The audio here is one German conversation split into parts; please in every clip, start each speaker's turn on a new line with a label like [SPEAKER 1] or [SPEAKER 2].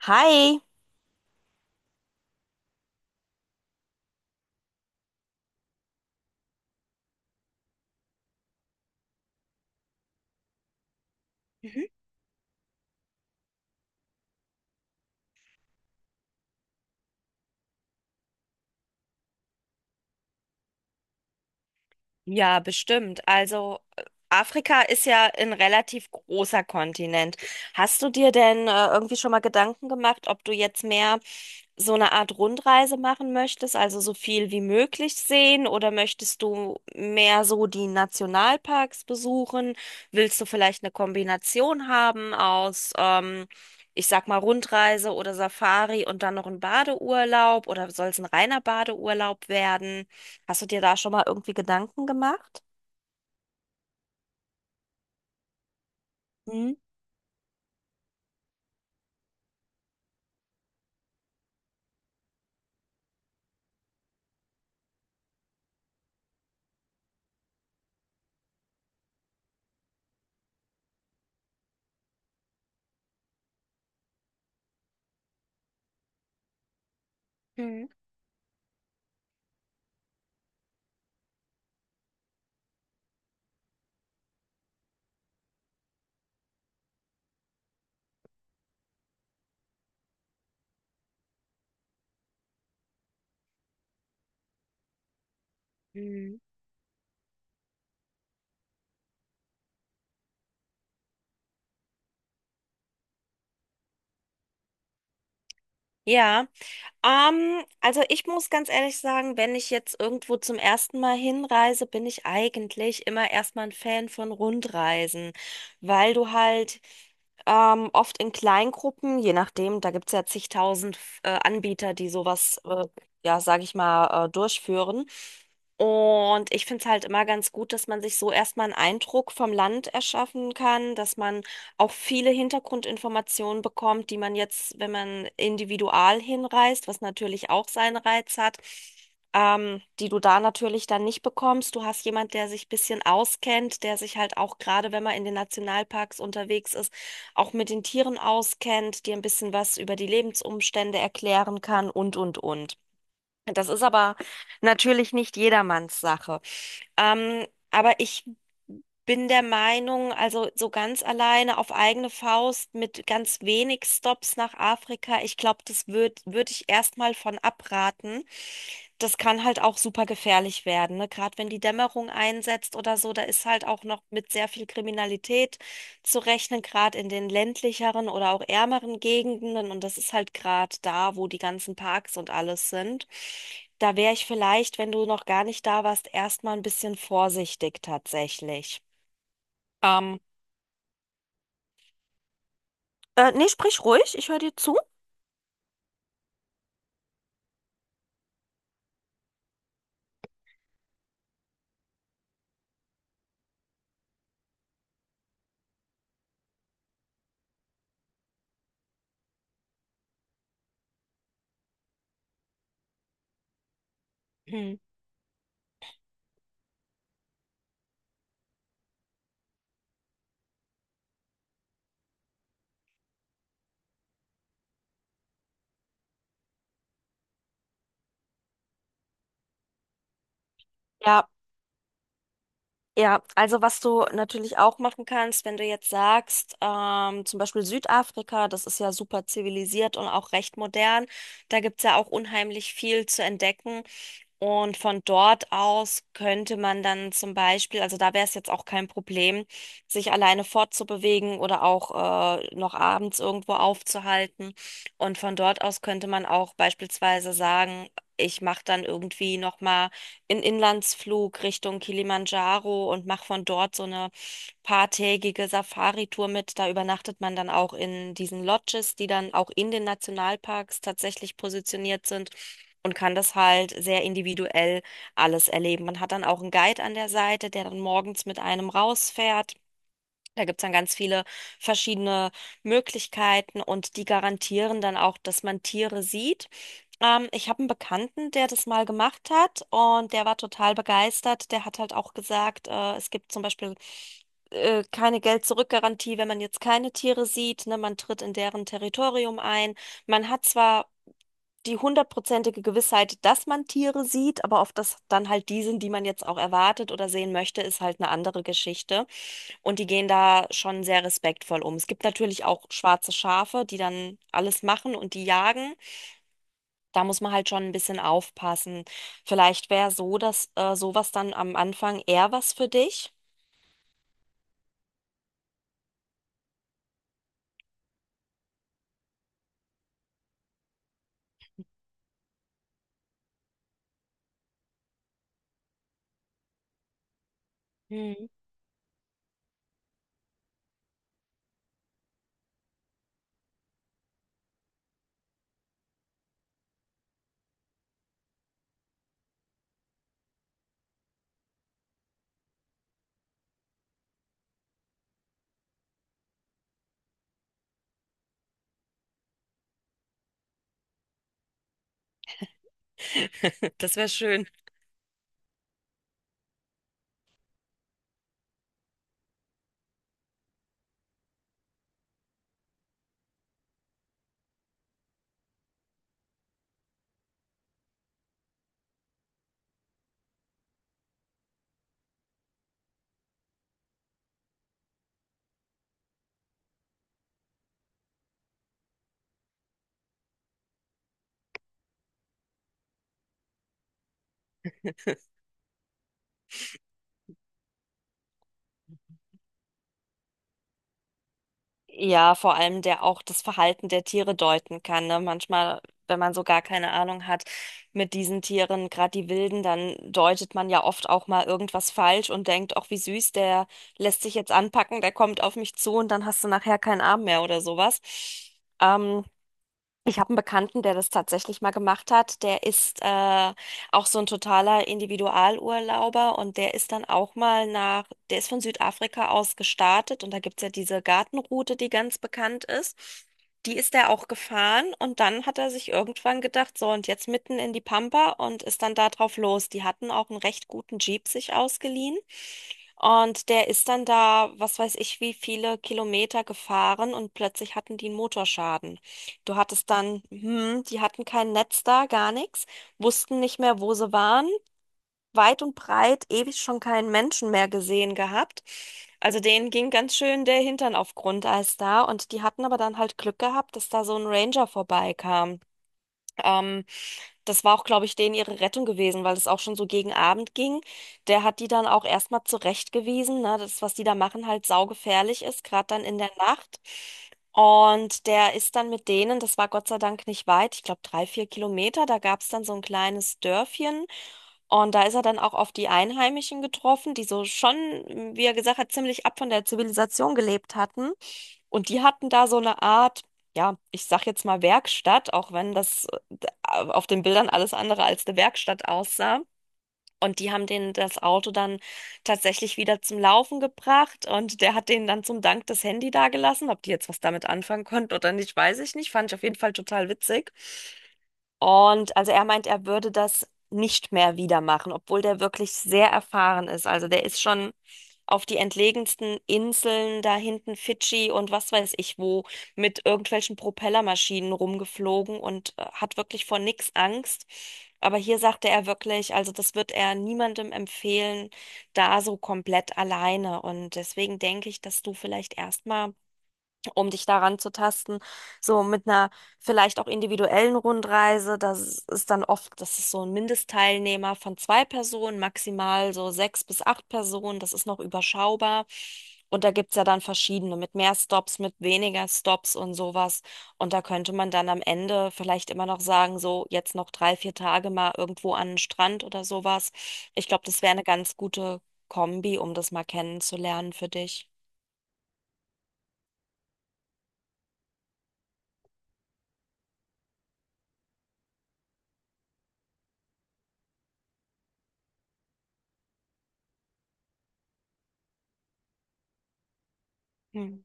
[SPEAKER 1] Hi, stimmt. Also Afrika ist ja ein relativ großer Kontinent. Hast du dir denn irgendwie schon mal Gedanken gemacht, ob du jetzt mehr so eine Art Rundreise machen möchtest, also so viel wie möglich sehen, oder möchtest du mehr so die Nationalparks besuchen? Willst du vielleicht eine Kombination haben aus, ich sag mal, Rundreise oder Safari und dann noch ein Badeurlaub oder soll es ein reiner Badeurlaub werden? Hast du dir da schon mal irgendwie Gedanken gemacht? Mhm. Mhm. Mhm. Ja, also ich muss ganz ehrlich sagen, wenn ich jetzt irgendwo zum ersten Mal hinreise, bin ich eigentlich immer erstmal ein Fan von Rundreisen, weil du halt oft in Kleingruppen, je nachdem, da gibt es ja zigtausend Anbieter, die sowas, ja, sage ich mal, durchführen. Und ich finde es halt immer ganz gut, dass man sich so erstmal einen Eindruck vom Land erschaffen kann, dass man auch viele Hintergrundinformationen bekommt, die man jetzt, wenn man individual hinreist, was natürlich auch seinen Reiz hat, die du da natürlich dann nicht bekommst. Du hast jemand, der sich ein bisschen auskennt, der sich halt auch gerade, wenn man in den Nationalparks unterwegs ist, auch mit den Tieren auskennt, dir ein bisschen was über die Lebensumstände erklären kann und, und. Das ist aber natürlich nicht jedermanns Sache. Ähm, aber ich bin der Meinung, also so ganz alleine auf eigene Faust mit ganz wenig Stops nach Afrika, ich glaube, das würde würd würd ich erstmal von abraten. Das kann halt auch super gefährlich werden, ne? Gerade wenn die Dämmerung einsetzt oder so, da ist halt auch noch mit sehr viel Kriminalität zu rechnen, gerade in den ländlicheren oder auch ärmeren Gegenden. Und das ist halt gerade da, wo die ganzen Parks und alles sind. Da wäre ich vielleicht, wenn du noch gar nicht da warst, erstmal ein bisschen vorsichtig tatsächlich. Ähm, nee, sprich ruhig, ich höre dir zu. Hm. Ja, ja, also was du natürlich auch machen kannst, wenn du jetzt sagst, zum Beispiel Südafrika, das ist ja super zivilisiert und auch recht modern, da gibt's ja auch unheimlich viel zu entdecken. Und von dort aus könnte man dann zum Beispiel, also da wäre es jetzt auch kein Problem, sich alleine fortzubewegen oder auch noch abends irgendwo aufzuhalten. Und von dort aus könnte man auch beispielsweise sagen, ich mache dann irgendwie nochmal in Inlandsflug Richtung Kilimanjaro und mache von dort so eine paartägige Safari-Tour mit. Da übernachtet man dann auch in diesen Lodges, die dann auch in den Nationalparks tatsächlich positioniert sind und kann das halt sehr individuell alles erleben. Man hat dann auch einen Guide an der Seite, der dann morgens mit einem rausfährt. Da gibt's dann ganz viele verschiedene Möglichkeiten und die garantieren dann auch, dass man Tiere sieht. Ich habe einen Bekannten, der das mal gemacht hat und der war total begeistert. Der hat halt auch gesagt, es gibt zum Beispiel keine Geld-zurück-Garantie, wenn man jetzt keine Tiere sieht. Ne? Man tritt in deren Territorium ein. Man hat zwar die hundertprozentige Gewissheit, dass man Tiere sieht, aber ob das dann halt die sind, die man jetzt auch erwartet oder sehen möchte, ist halt eine andere Geschichte. Und die gehen da schon sehr respektvoll um. Es gibt natürlich auch schwarze Schafe, die dann alles machen und die jagen. Da muss man halt schon ein bisschen aufpassen. Vielleicht wäre so, dass sowas dann am Anfang eher was für dich. Hm. Das wäre schön. Ja, vor allem der auch das Verhalten der Tiere deuten kann, ne? Manchmal, wenn man so gar keine Ahnung hat mit diesen Tieren, gerade die Wilden, dann deutet man ja oft auch mal irgendwas falsch und denkt, ach, wie süß, der lässt sich jetzt anpacken, der kommt auf mich zu und dann hast du nachher keinen Arm mehr oder sowas. Ähm, ich habe einen Bekannten, der das tatsächlich mal gemacht hat. Der ist auch so ein totaler Individualurlauber und der ist dann auch mal nach, der ist von Südafrika aus gestartet und da gibt's ja diese Gartenroute, die ganz bekannt ist. Die ist er auch gefahren und dann hat er sich irgendwann gedacht, so und jetzt mitten in die Pampa und ist dann da drauf los. Die hatten auch einen recht guten Jeep sich ausgeliehen. Und der ist dann da, was weiß ich, wie viele Kilometer gefahren und plötzlich hatten die einen Motorschaden. Du hattest dann, die hatten kein Netz da, gar nichts, wussten nicht mehr, wo sie waren, weit und breit, ewig schon keinen Menschen mehr gesehen gehabt. Also denen ging ganz schön der Hintern auf Grundeis da und die hatten aber dann halt Glück gehabt, dass da so ein Ranger vorbeikam. Ähm, das war auch, glaube ich, denen ihre Rettung gewesen, weil es auch schon so gegen Abend ging. Der hat die dann auch erstmal zurechtgewiesen, ne, das, was die da machen, halt saugefährlich ist, gerade dann in der Nacht. Und der ist dann mit denen, das war Gott sei Dank nicht weit, ich glaube 3, 4 Kilometer, da gab es dann so ein kleines Dörfchen. Und da ist er dann auch auf die Einheimischen getroffen, die so schon, wie er gesagt hat, ziemlich ab von der Zivilisation gelebt hatten. Und die hatten da so eine Art, ja, ich sag jetzt mal Werkstatt, auch wenn das auf den Bildern alles andere als eine Werkstatt aussah. Und die haben denen das Auto dann tatsächlich wieder zum Laufen gebracht und der hat denen dann zum Dank das Handy dagelassen. Ob die jetzt was damit anfangen konnten oder nicht, weiß ich nicht. Fand ich auf jeden Fall total witzig. Und also er meint, er würde das nicht mehr wieder machen, obwohl der wirklich sehr erfahren ist. Also der ist schon auf die entlegensten Inseln da hinten Fidschi und was weiß ich wo mit irgendwelchen Propellermaschinen rumgeflogen und hat wirklich vor nichts Angst. Aber hier sagte er wirklich, also das wird er niemandem empfehlen, da so komplett alleine. Und deswegen denke ich, dass du vielleicht erstmal um dich daran zu tasten. So mit einer vielleicht auch individuellen Rundreise, das ist dann oft, das ist so ein Mindestteilnehmer von zwei Personen, maximal so sechs bis acht Personen, das ist noch überschaubar. Und da gibt's ja dann verschiedene, mit mehr Stops, mit weniger Stops und sowas. Und da könnte man dann am Ende vielleicht immer noch sagen, so jetzt noch 3, 4 Tage mal irgendwo an den Strand oder sowas. Ich glaube, das wäre eine ganz gute Kombi, um das mal kennenzulernen für dich. Hm.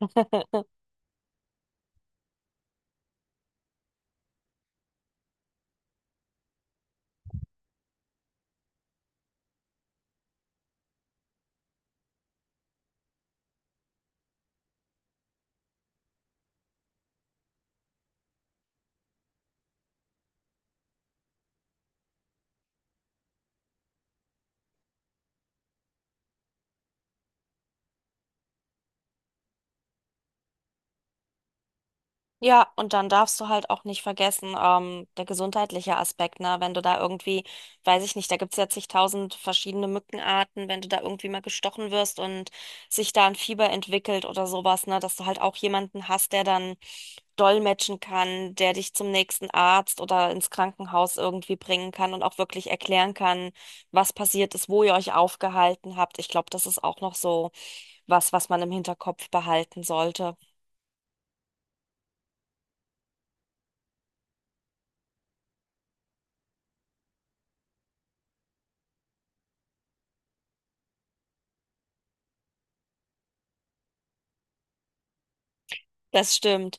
[SPEAKER 1] Ja, und dann darfst du halt auch nicht vergessen, der gesundheitliche Aspekt, ne? Wenn du da irgendwie, weiß ich nicht, da gibt's ja zigtausend verschiedene Mückenarten, wenn du da irgendwie mal gestochen wirst und sich da ein Fieber entwickelt oder sowas, ne? Dass du halt auch jemanden hast, der dann dolmetschen kann, der dich zum nächsten Arzt oder ins Krankenhaus irgendwie bringen kann und auch wirklich erklären kann, was passiert ist, wo ihr euch aufgehalten habt. Ich glaube, das ist auch noch so was, was man im Hinterkopf behalten sollte. Das stimmt.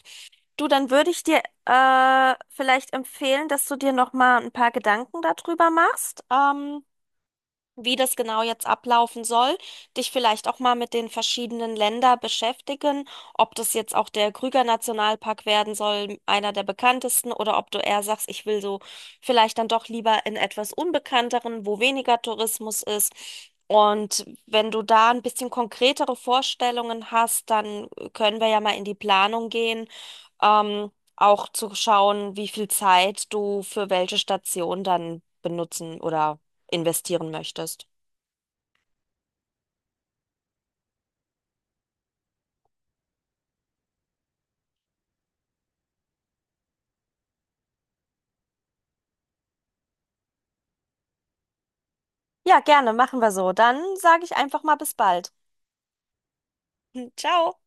[SPEAKER 1] Du, dann würde ich dir vielleicht empfehlen, dass du dir noch mal ein paar Gedanken darüber machst. Wie das genau jetzt ablaufen soll, dich vielleicht auch mal mit den verschiedenen Ländern beschäftigen, ob das jetzt auch der Krüger Nationalpark werden soll, einer der bekanntesten, oder ob du eher sagst, ich will so vielleicht dann doch lieber in etwas Unbekannteren, wo weniger Tourismus ist. Und wenn du da ein bisschen konkretere Vorstellungen hast, dann können wir ja mal in die Planung gehen, ähm, auch zu schauen, wie viel Zeit du für welche Station dann benutzen oder investieren möchtest. Ja, gerne, machen wir so. Dann sage ich einfach mal bis bald. Ciao.